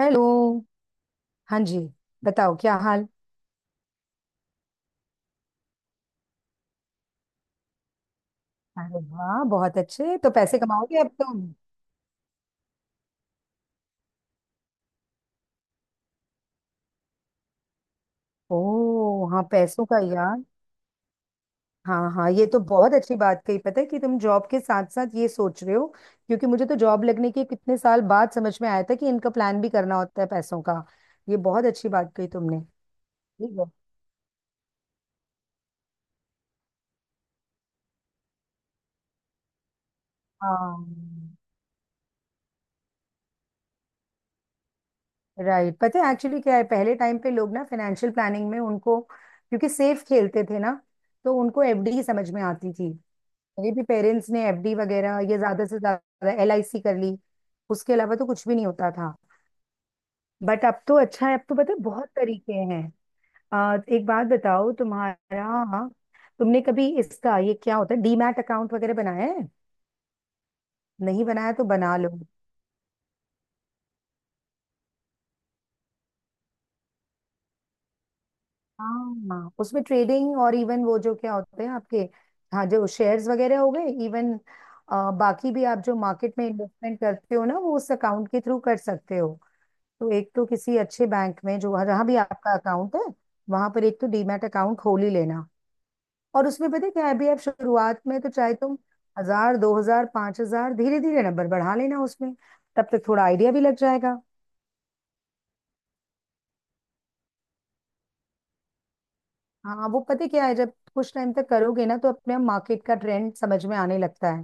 Hello. हाँ जी, बताओ क्या हाल। अरे वाह, बहुत अच्छे। तो पैसे कमाओगे अब तुम। ओ हाँ, पैसों का यार। हाँ हाँ, ये तो बहुत अच्छी बात कही। पता है कि तुम जॉब के साथ साथ ये सोच रहे हो, क्योंकि मुझे तो जॉब लगने के कितने साल बाद समझ में आया था कि इनका प्लान भी करना होता है पैसों का। ये बहुत अच्छी बात कही तुमने। ठीक है। हाँ, राइट। पता है एक्चुअली क्या है, पहले टाइम पे लोग ना फाइनेंशियल प्लानिंग में उनको क्योंकि सेफ खेलते थे ना, तो उनको एफडी समझ में आती थी। मेरे भी पेरेंट्स ने एफडी वगैरह ये ज्यादा से ज्यादा एलआईसी कर ली। उसके अलावा तो कुछ भी नहीं होता था। बट अब तो अच्छा है, अब तो पता है बहुत तरीके हैं। एक बात बताओ, तुम्हारा, तुमने कभी इसका ये क्या होता है डीमैट अकाउंट वगैरह बनाया है। नहीं बनाया तो बना लो। हाँ, उसमें ट्रेडिंग और इवन वो जो क्या होते हैं आपके, हाँ, जो शेयर्स वगैरह हो गए, इवन बाकी भी आप जो मार्केट में इन्वेस्टमेंट करते हो ना, वो उस अकाउंट के थ्रू कर सकते हो। तो एक तो किसी अच्छे बैंक में, जो जहां भी आपका अकाउंट है, वहां पर एक तो डीमैट अकाउंट खोल ही लेना। और उसमें पता है क्या है, अभी आप शुरुआत में तो चाहे तुम 1000, 2000, 5000 धीरे धीरे नंबर बढ़ा लेना उसमें। तब तक थोड़ा आइडिया भी लग जाएगा। हाँ, वो पता है क्या है, जब कुछ टाइम तक करोगे ना, तो अपने आप मार्केट का ट्रेंड समझ में आने लगता है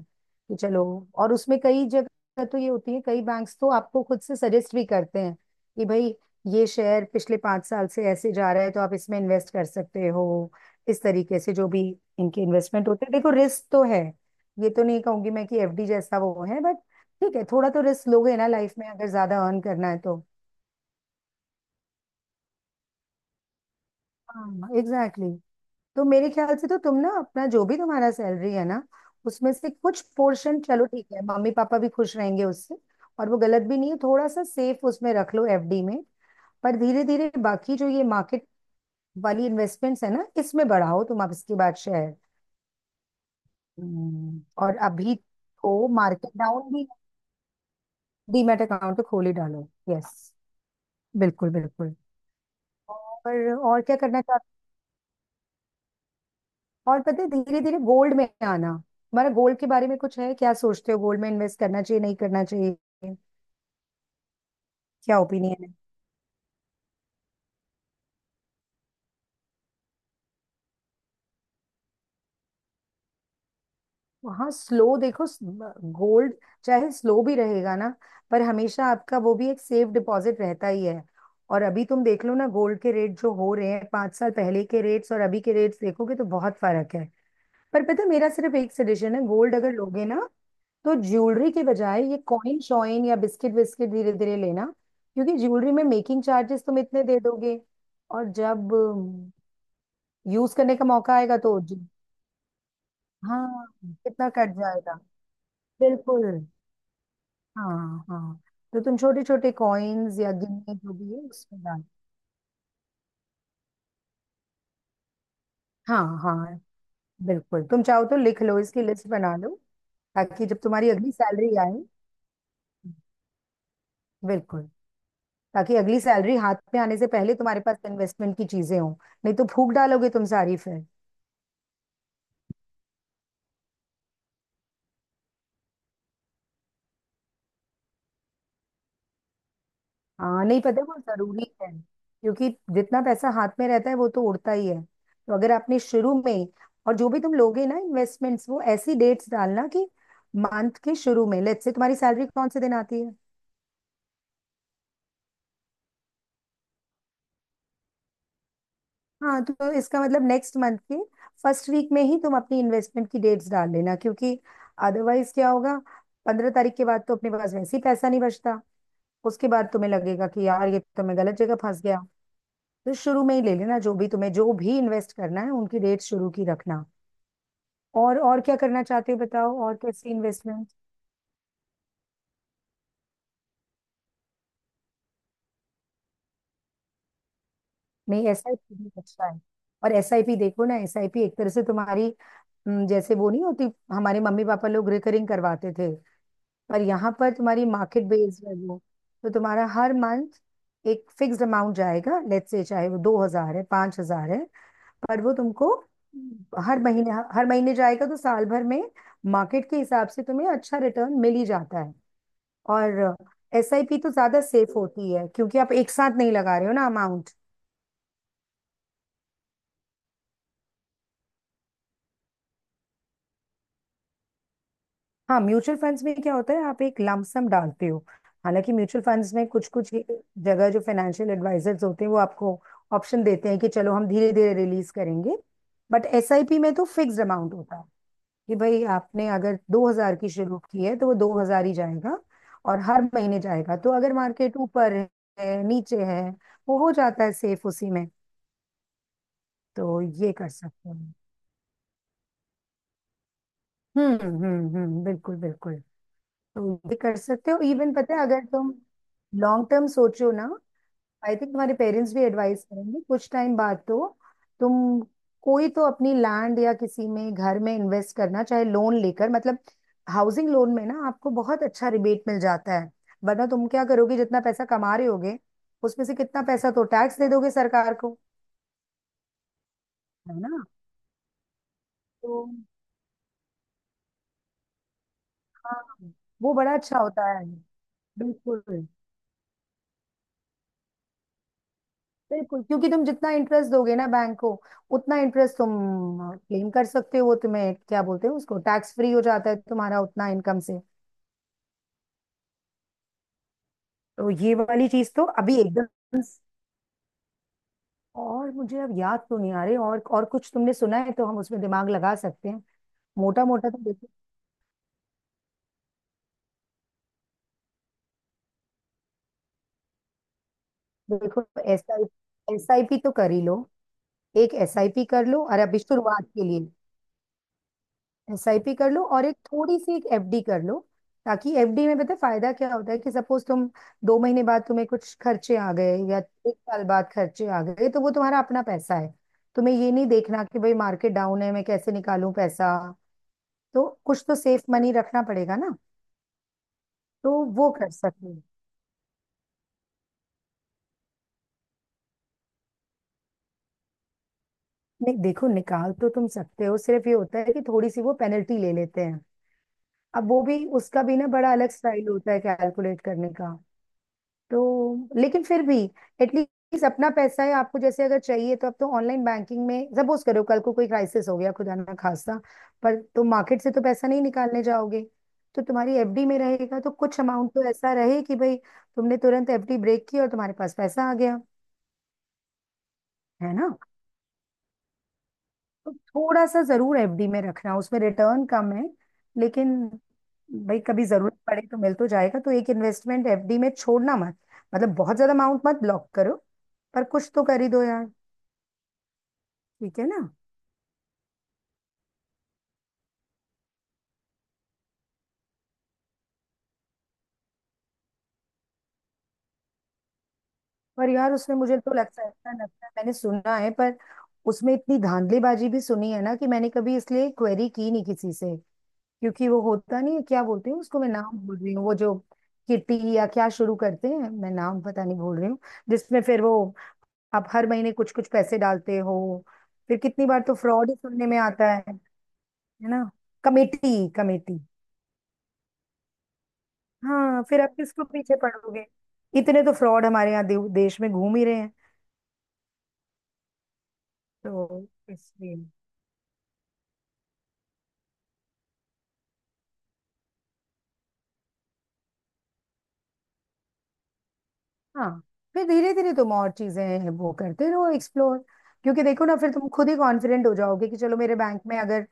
कि चलो। और उसमें कई जगह तो ये होती है, कई बैंक्स तो आपको खुद से सजेस्ट भी करते हैं कि भाई, ये शेयर पिछले 5 साल से ऐसे जा रहा है, तो आप इसमें इन्वेस्ट कर सकते हो। इस तरीके से, जो भी इनके इन्वेस्टमेंट होते हैं, देखो रिस्क तो है। ये तो नहीं कहूंगी मैं कि एफडी जैसा वो है, बट ठीक है, थोड़ा तो रिस्क लोगे ना लाइफ में अगर ज्यादा अर्न करना है तो। हाँ एग्जैक्टली। तो मेरे ख्याल से तो तुम ना अपना जो भी तुम्हारा सैलरी है ना, उसमें से कुछ पोर्शन, चलो ठीक है, मम्मी पापा भी खुश रहेंगे उससे, और वो गलत भी नहीं है, थोड़ा सा सेफ उसमें रख लो एफडी में। पर धीरे धीरे बाकी जो ये मार्केट वाली इन्वेस्टमेंट्स है ना, इसमें बढ़ाओ तुम। अब इसके बाद शेयर। और अभी तो मार्केट डाउन भी। डीमैट अकाउंट तो खोल ही डालो, यस। बिल्कुल बिल्कुल। और क्या करना चाहते, और पता है, धीरे धीरे गोल्ड में आना हमारा। गोल्ड के बारे में कुछ है क्या, सोचते हो गोल्ड में इन्वेस्ट करना चाहिए नहीं करना चाहिए? क्या ओपिनियन है? हाँ, स्लो, देखो, गोल्ड चाहे स्लो भी रहेगा ना, पर हमेशा आपका वो भी एक सेफ डिपॉजिट रहता ही है। और अभी तुम देख लो ना गोल्ड के रेट जो हो रहे हैं, 5 साल पहले के रेट्स और अभी के रेट्स देखोगे तो बहुत फर्क है। पर पता है, मेरा सिर्फ एक सजेशन है, गोल्ड अगर लोगे ना, तो ज्वेलरी के बजाय ये कॉइन शॉइन या बिस्किट विस्किट धीरे धीरे लेना, क्योंकि ज्वेलरी में मेकिंग चार्जेस तुम इतने दे दोगे, और जब यूज करने का मौका आएगा तो हाँ कितना कट जाएगा। बिल्कुल। हाँ हाँ। तो तुम छोटे छोटे कॉइन्स या गिन्ने जो भी है उसमें डाल। हाँ हाँ, बिल्कुल। तुम चाहो तो लिख लो, इसकी लिस्ट बना लो, ताकि जब तुम्हारी अगली सैलरी आए, बिल्कुल, ताकि अगली सैलरी हाथ में आने से पहले तुम्हारे पास इन्वेस्टमेंट की चीजें हों। नहीं तो फूक डालोगे तुम सारी फिर। हाँ, नहीं पता है वो जरूरी है, क्योंकि जितना पैसा हाथ में रहता है वो तो उड़ता ही है। तो अगर आपने शुरू में, और जो भी तुम लोगे ना इन्वेस्टमेंट्स, वो ऐसी डेट्स डालना कि मंथ के शुरू में, लेट्स से तुम्हारी सैलरी कौन से दिन आती है? हाँ, तो इसका मतलब नेक्स्ट मंथ के फर्स्ट वीक में ही तुम अपनी इन्वेस्टमेंट की डेट्स डाल लेना, क्योंकि अदरवाइज क्या होगा, 15 तारीख के बाद तो अपने पास वैसे ही पैसा नहीं बचता। उसके बाद तुम्हें लगेगा कि यार ये तो मैं गलत जगह फंस गया। तो शुरू में ही ले लेना, जो भी तुम्हें जो भी इन्वेस्ट करना है उनकी रेट शुरू की रखना। और क्या करना चाहते हो बताओ, और कैसी इन्वेस्टमेंट? नहीं, एसआईपी भी अच्छा है। और एसआईपी, देखो ना, एसआईपी एक तरह से तुम्हारी, जैसे वो नहीं होती, हमारे मम्मी पापा लोग रिकरिंग करवाते थे, पर यहाँ पर तुम्हारी मार्केट बेस्ड है वो। तो तुम्हारा हर मंथ एक फिक्स्ड अमाउंट जाएगा, लेट्स से चाहे वो 2000 है 5000 है, पर वो तुमको हर महीने जाएगा, तो साल भर में मार्केट के हिसाब से तुम्हें अच्छा रिटर्न मिल ही जाता है। और एसआईपी तो ज्यादा सेफ होती है, क्योंकि आप एक साथ नहीं लगा रहे हो ना अमाउंट। हाँ, म्यूचुअल फंड्स में क्या होता है, आप एक लमसम डालते हो। हालांकि म्यूचुअल फंड्स में कुछ कुछ जगह जो फाइनेंशियल एडवाइजर्स होते हैं, वो आपको ऑप्शन देते हैं कि चलो हम धीरे धीरे रिलीज करेंगे। बट एसआईपी में तो फिक्स्ड अमाउंट होता है कि भाई, आपने अगर 2000 की शुरू की है तो वो 2000 ही जाएगा, और हर महीने जाएगा, तो अगर मार्केट ऊपर है नीचे है, वो हो जाता है सेफ उसी में। तो ये कर सकते हो। हम्म हम्म हम्म, बिल्कुल बिल्कुल। तो ये कर सकते हो। इवन पता है, अगर तुम लॉन्ग टर्म सोचो ना, आई थिंक तुम्हारे पेरेंट्स भी एडवाइस करेंगे कुछ टाइम बाद तो। तुम, कोई तो अपनी लैंड या किसी में घर में इन्वेस्ट करना चाहे लोन लेकर, मतलब हाउसिंग लोन में ना आपको बहुत अच्छा रिबेट मिल जाता है। वरना तुम क्या करोगे, जितना पैसा कमा रहे होगे, उसमें से कितना पैसा तो टैक्स दे दोगे सरकार को, है ना। तो हाँ, वो बड़ा अच्छा होता है। बिल्कुल बिल्कुल, क्योंकि तुम जितना इंटरेस्ट दोगे ना बैंक को, उतना इंटरेस्ट तुम क्लेम कर सकते हो। वो तुम्हें क्या बोलते हो उसको, टैक्स फ्री हो जाता है तुम्हारा उतना इनकम से। तो ये वाली चीज तो अभी एकदम। और मुझे अब याद तो नहीं आ रही, और कुछ तुमने सुना है तो हम उसमें दिमाग लगा सकते हैं। मोटा मोटा तो देखो, देखो, S I S I P तो कर ही लो। एक एस आई पी कर लो, और अभी शुरुआत के लिए एसआईपी कर लो और एक थोड़ी सी एक एफडी कर लो, ताकि एफडी में पता है फायदा क्या होता है, कि सपोज तुम 2 महीने बाद तुम्हें कुछ खर्चे आ गए, या एक साल बाद खर्चे आ गए, तो वो तुम्हारा अपना पैसा है। तुम्हें ये नहीं देखना कि भाई मार्केट डाउन है मैं कैसे निकालूं पैसा। तो कुछ तो सेफ मनी रखना पड़ेगा ना। तो वो कर सकते हो। नहीं देखो, निकाल तो तुम सकते हो, सिर्फ ये होता है कि थोड़ी सी वो पेनल्टी ले लेते हैं। अब वो भी, उसका भी ना बड़ा अलग स्टाइल होता है कैलकुलेट करने का, तो लेकिन फिर भी एटलीस्ट अपना पैसा है आपको, जैसे अगर चाहिए तो। अब तो ऑनलाइन बैंकिंग में सपोज करो कल को कोई क्राइसिस हो गया, खुदा ना खास्ता, पर तुम मार्केट से तो पैसा नहीं निकालने जाओगे, तो तुम्हारी एफडी में रहेगा, तो कुछ अमाउंट तो ऐसा रहे कि भाई तुमने तुरंत एफडी ब्रेक की और तुम्हारे पास पैसा आ गया, है ना। तो थोड़ा सा जरूर एफडी में रखना, उसमें रिटर्न कम है लेकिन भाई कभी जरूरत पड़े तो मिल तो जाएगा। तो एक इन्वेस्टमेंट एफडी में छोड़ना मत, मतलब बहुत ज्यादा अमाउंट मत ब्लॉक करो, पर कुछ तो कर ही दो यार। ठीक है ना। पर यार उसमें मुझे तो लगता है, ऐसा लगता है, मैंने सुना है पर उसमें इतनी धांधलीबाजी भी सुनी है ना कि मैंने कभी इसलिए क्वेरी की नहीं किसी से। क्योंकि वो होता नहीं है, क्या बोलते हैं उसको, मैं नाम भूल रही हूँ, वो जो किटी या क्या शुरू करते हैं, मैं नाम पता नहीं भूल रही हूँ, जिसमें फिर वो आप हर महीने कुछ कुछ पैसे डालते हो, फिर कितनी बार तो फ्रॉड ही सुनने में आता है ना। Committee, committee. हाँ, फिर आप किसको पीछे पड़ोगे। इतने तो फ्रॉड हमारे यहाँ देश में घूम ही रहे हैं। तो इसलिए, हाँ, फिर धीरे धीरे तुम और चीजें वो करते रहो एक्सप्लोर, क्योंकि देखो ना फिर तुम खुद ही कॉन्फिडेंट हो जाओगे। कि चलो मेरे बैंक में अगर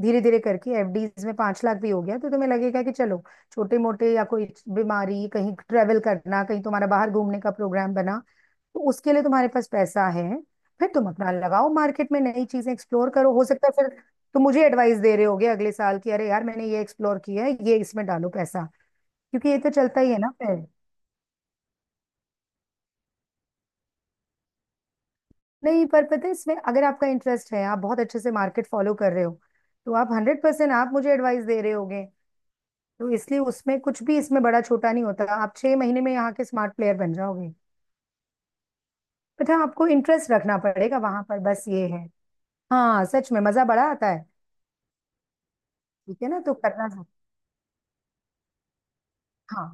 धीरे धीरे करके एफडीज में 5 लाख भी हो गया, तो तुम्हें लगेगा कि चलो छोटे मोटे, या कोई बीमारी, कहीं ट्रेवल करना, कहीं तुम्हारा बाहर घूमने का प्रोग्राम बना, तो उसके लिए तुम्हारे पास पैसा है। फिर तुम अपना लगाओ मार्केट में, नई चीजें एक्सप्लोर करो, हो सकता है फिर तुम मुझे एडवाइस दे रहे होगे अगले साल कि अरे यार मैंने ये एक्सप्लोर किया है, ये इसमें डालो पैसा, क्योंकि ये तो चलता ही है ना फिर। नहीं, पर पता है इसमें अगर आपका इंटरेस्ट है, आप बहुत अच्छे से मार्केट फॉलो कर रहे हो, तो आप 100% आप मुझे एडवाइस दे रहे होगे। तो इसलिए उसमें कुछ भी इसमें बड़ा छोटा नहीं होता, आप 6 महीने में यहाँ के स्मार्ट प्लेयर बन जाओगे। बट हाँ, आपको इंटरेस्ट रखना पड़ेगा वहां पर, बस ये है। हाँ, सच में मजा बड़ा आता है। ठीक है ना, तो करना चाहिए। हाँ,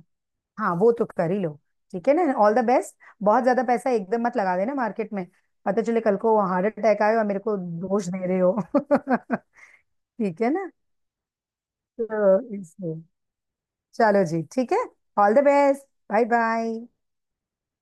हाँ वो तो कर ही लो। ठीक है ना, ऑल द बेस्ट। बहुत ज्यादा पैसा एकदम मत लगा देना मार्केट में। पता चले कल को हार्ट अटैक आए और मेरे को दोष दे रहे हो। ठीक है ना। तो इसलिए, चलो जी ठीक है, all the best. Bye bye.